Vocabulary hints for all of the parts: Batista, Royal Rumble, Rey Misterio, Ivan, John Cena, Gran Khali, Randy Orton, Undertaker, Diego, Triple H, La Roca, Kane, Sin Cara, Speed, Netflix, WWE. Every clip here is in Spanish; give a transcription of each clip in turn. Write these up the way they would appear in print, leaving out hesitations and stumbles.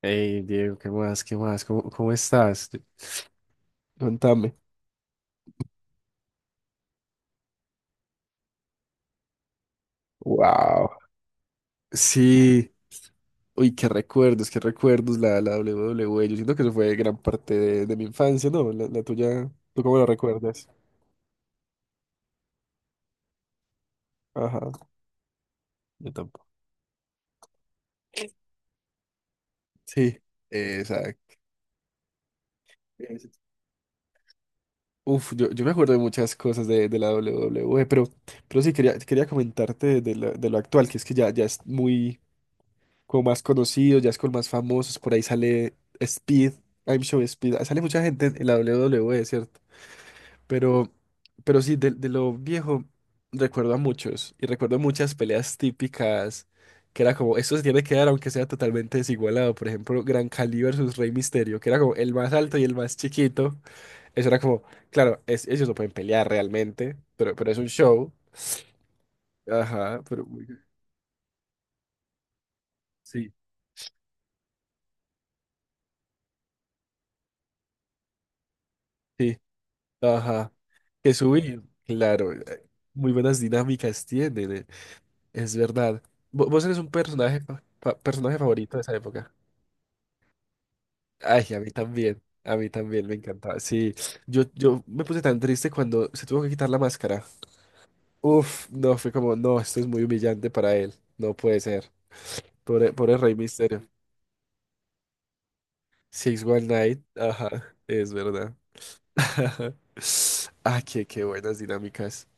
Hey, Diego, ¿qué más? ¿Qué más? ¿Cómo, cómo estás? Contame. Wow. Sí, qué recuerdos la WWE. Yo siento que eso fue gran parte de mi infancia, ¿no? La tuya, ¿tú cómo la recuerdas? Ajá. Yo tampoco. Sí, exacto. Es- Uf, yo me acuerdo de muchas cosas de la WWE, pero sí, quería comentarte de lo actual, que es que ya, ya es muy, con más conocidos, ya es con más famosos, por ahí sale Speed, I'm Show Speed, sale mucha gente en la WWE, ¿cierto? Pero, pero sí, de lo viejo recuerdo a muchos y recuerdo muchas peleas típicas que era como, esto se tiene que dar aunque sea totalmente desigualado, por ejemplo, Gran Khali versus Rey Misterio, que era como el más alto y el más chiquito. Eso era como, claro, ellos no pueden pelear realmente, pero es un show, ajá, pero. Sí. Sí. Ajá. Que subir, claro. Muy buenas dinámicas tienen. Es verdad. Vos eres un personaje, personaje favorito de esa época. Ay, a mí también. A mí también me encantaba. Sí, yo me puse tan triste cuando se tuvo que quitar la máscara. Uf, no, fue como, no, esto es muy humillante para él. No puede ser. Por el Rey Misterio. Six One Night. Ajá, es verdad. Ah, qué, qué buenas dinámicas.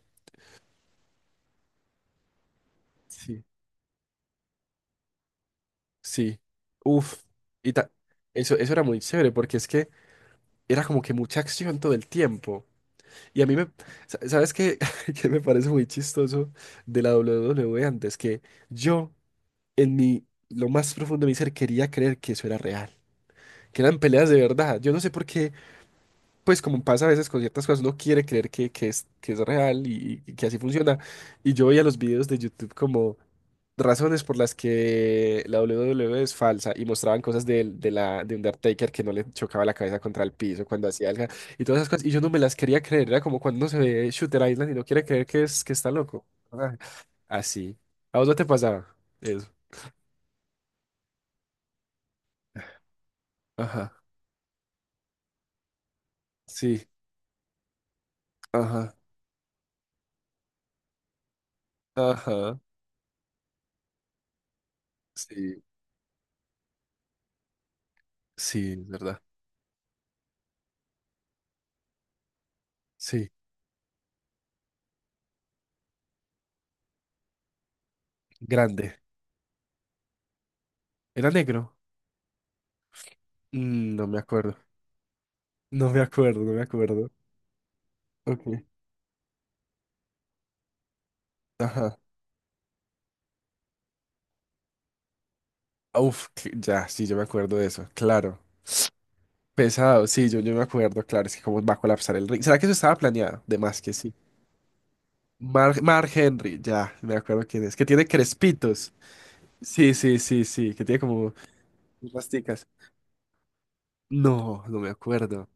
Sí. Sí. Uf. Y ta- Eso, eso era muy chévere porque es que era como que mucha acción todo el tiempo. Y a mí me... ¿Sabes qué? Que me parece muy chistoso de la WWE antes. Que yo, en mi... Lo más profundo de mi ser, quería creer que eso era real. Que eran peleas de verdad. Yo no sé por qué, pues como pasa a veces con ciertas cosas, uno quiere creer que es real y que así funciona. Y yo veía los videos de YouTube como razones por las que la WWE es falsa y mostraban cosas de Undertaker, que no le chocaba la cabeza contra el piso cuando hacía algo y todas esas cosas. Y yo no me las quería creer, era como cuando uno se ve Shooter Island y no quiere creer que está loco. Ah, así. ¿A vos no te pasaba eso? Ajá. Sí. Ajá. Ajá. Sí. Sí, es verdad. Sí. Grande. Era negro. Mm, no me acuerdo. No me acuerdo, no me acuerdo. Ok. Ajá. Uf, ya, sí, yo me acuerdo de eso, claro. Pesado, sí, yo me acuerdo, claro, es que cómo va a colapsar el ring. ¿Será que eso estaba planeado? De más que sí. Mark Henry, ya, me acuerdo quién es. Que tiene crespitos. Sí, sí, sí, sí, que tiene como rasticas. No, no me acuerdo.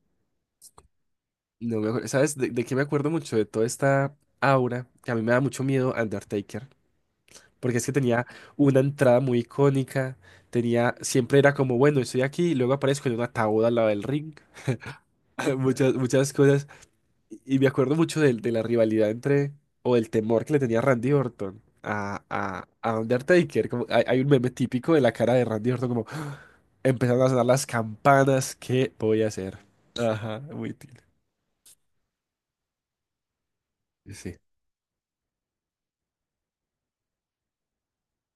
No me acuerdo. ¿Sabes de qué me acuerdo mucho? De toda esta aura, que a mí me da mucho miedo Undertaker. Porque es que tenía una entrada muy icónica, tenía, siempre era como, bueno, estoy aquí, y luego aparezco en un ataúd al lado del ring. Muchas, muchas cosas, y me acuerdo mucho de la rivalidad entre, o del temor que le tenía Randy Orton a Undertaker. Como, hay un meme típico de la cara de Randy Orton, como, empezaron a sonar las campanas, ¿qué voy a hacer? Ajá, muy útil. Sí,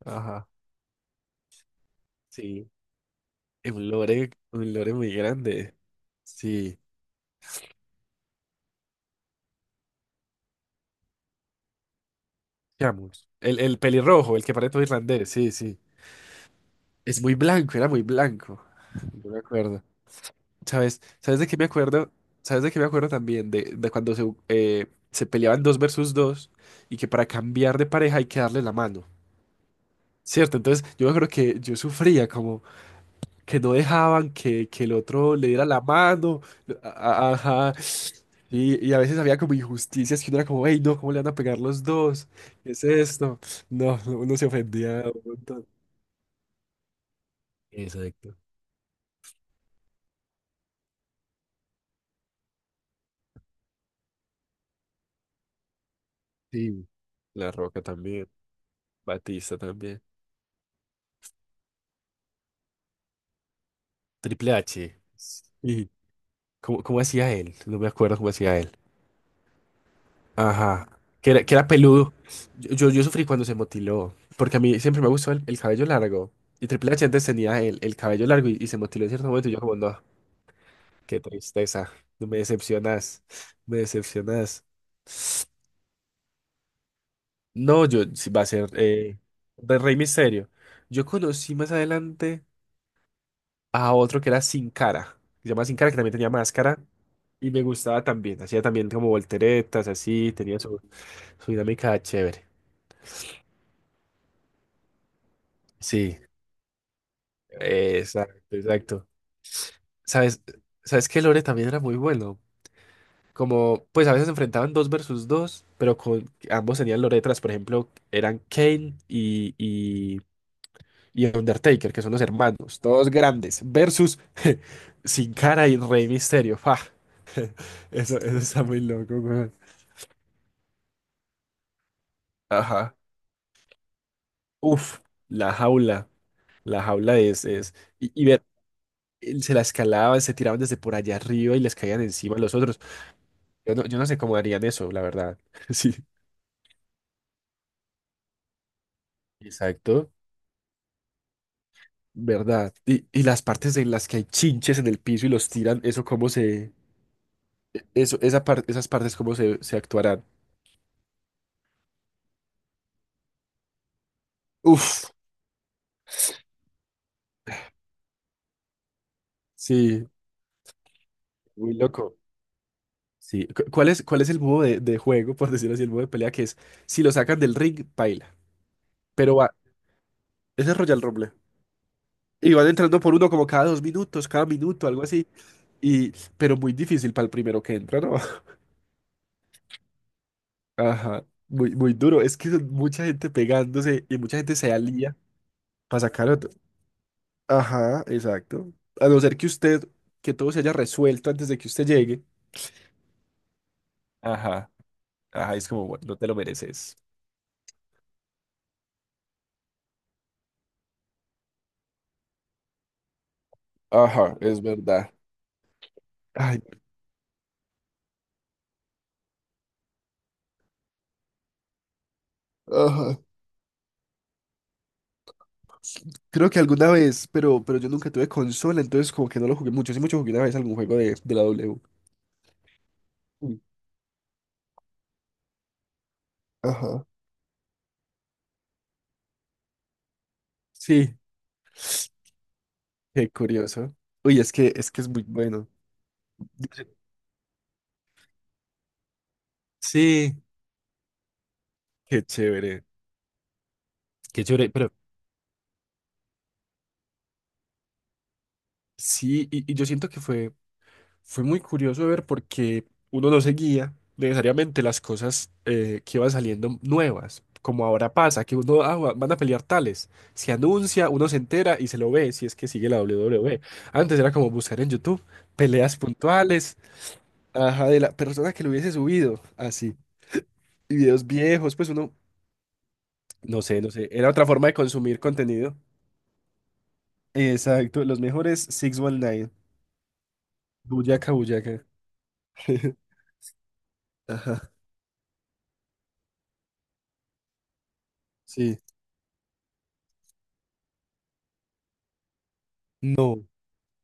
ajá, sí, es un lore muy grande, sí. Seamos. El pelirrojo, el que parece todo irlandés, sí, sí. Es muy blanco, era muy blanco. Yo me acuerdo. ¿Sabes? ¿Sabes de qué me acuerdo? ¿Sabes de qué me acuerdo también? De cuando se peleaban dos versus dos y que para cambiar de pareja hay que darle la mano. ¿Cierto? Entonces yo me acuerdo que yo sufría como que no dejaban que el otro le diera la mano. Ajá. Y a veces había como injusticias que uno era como, hey, no, ¿cómo le van a pegar los dos? ¿Qué es esto? No, uno se ofendía un montón. Exacto. Sí. La Roca también. Batista también. Triple H. Sí. ¿Cómo, cómo hacía él? No me acuerdo cómo hacía él. Ajá. Que era peludo. Yo sufrí cuando se motiló. Porque a mí siempre me gustó el cabello largo. Y Triple H antes tenía el cabello largo y se motiló en cierto momento. Y yo como, no, qué tristeza. No me decepcionas. No me decepcionas. No, yo sí va a ser de Rey Misterio. Yo conocí más adelante a otro que era Sin Cara, que se llama Sin Cara, que también tenía máscara y me gustaba también, hacía también como volteretas, así, tenía su, su dinámica chévere. Sí. Exacto, exacto. ¿Sabes? ¿Sabes que Lore también era muy bueno? Como, pues a veces se enfrentaban dos versus dos, pero con ambos tenían loretras, por ejemplo, eran Kane y Undertaker, que son los hermanos, todos grandes, versus Sin Cara y Rey Misterio. ¡Fa! Eso está muy loco, weón. Ajá. Uf, la jaula, la jaula es, y ver, él se la escalaban, se tiraban desde por allá arriba y les caían encima los otros. Yo no, yo no sé cómo harían eso, la verdad. Sí, exacto, verdad. Y las partes en las que hay chinches en el piso y los tiran, eso, esas partes cómo se actuarán. Uf, sí, muy loco. Sí, cuál es el modo de juego, por decirlo así, el modo de pelea que es, si lo sacan del ring, paila, pero va, ese es Royal Rumble. Y van entrando por uno como cada dos minutos, cada minuto, algo así. Y, pero muy difícil para el primero que entra, ¿no? Ajá, muy, muy duro. Es que son mucha gente pegándose y mucha gente se alía para sacar otro. Ajá, exacto. A no ser que usted, que todo se haya resuelto antes de que usted llegue. Ajá, ajá, es como, bueno, no te lo mereces. Ajá, es verdad. Ay, ajá. Creo que alguna vez, pero yo nunca tuve consola, entonces como que no lo jugué mucho. Sí, mucho jugué una vez algún juego de la W. Mm. Ajá. Sí. Qué curioso. Uy, es que es que es muy bueno. Yo sé. Sí, qué chévere, qué chévere, pero sí, y yo siento que fue, fue muy curioso ver porque uno no seguía necesariamente las cosas que iban saliendo nuevas, como ahora pasa, que uno, ah, van a pelear tales, se anuncia, uno se entera y se lo ve, si es que sigue la WWE. Antes era como buscar en YouTube peleas puntuales, ajá, de la persona que lo hubiese subido, así, y videos viejos, pues uno no sé, no sé. Era otra forma de consumir contenido. Exacto, los mejores 619. Buyaka, Buyaka. Ajá, sí. No,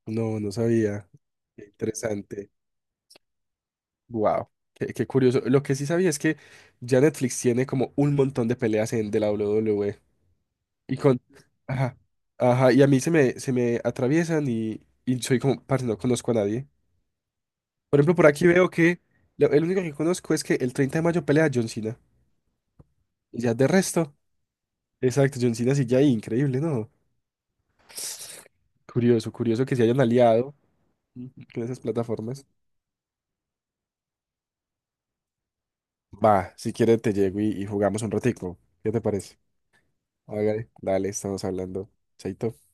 no, no sabía. Qué interesante. Wow, qué, qué curioso. Lo que sí sabía es que ya Netflix tiene como un montón de peleas en de la WWE. Y con. Ajá, ajá. Y a mí se me atraviesan y soy como, parce, no conozco a nadie. Por ejemplo, por aquí veo que el único que conozco es que el 30 de mayo pelea John Cena. Y ya de resto. Exacto, John Cena sigue ahí, increíble, ¿no? Curioso, curioso que se hayan aliado. Ujú. Con esas plataformas. Va, si quieres te llego y jugamos un ratico. ¿Qué te parece? Hágale. Dale, estamos hablando. Chaito.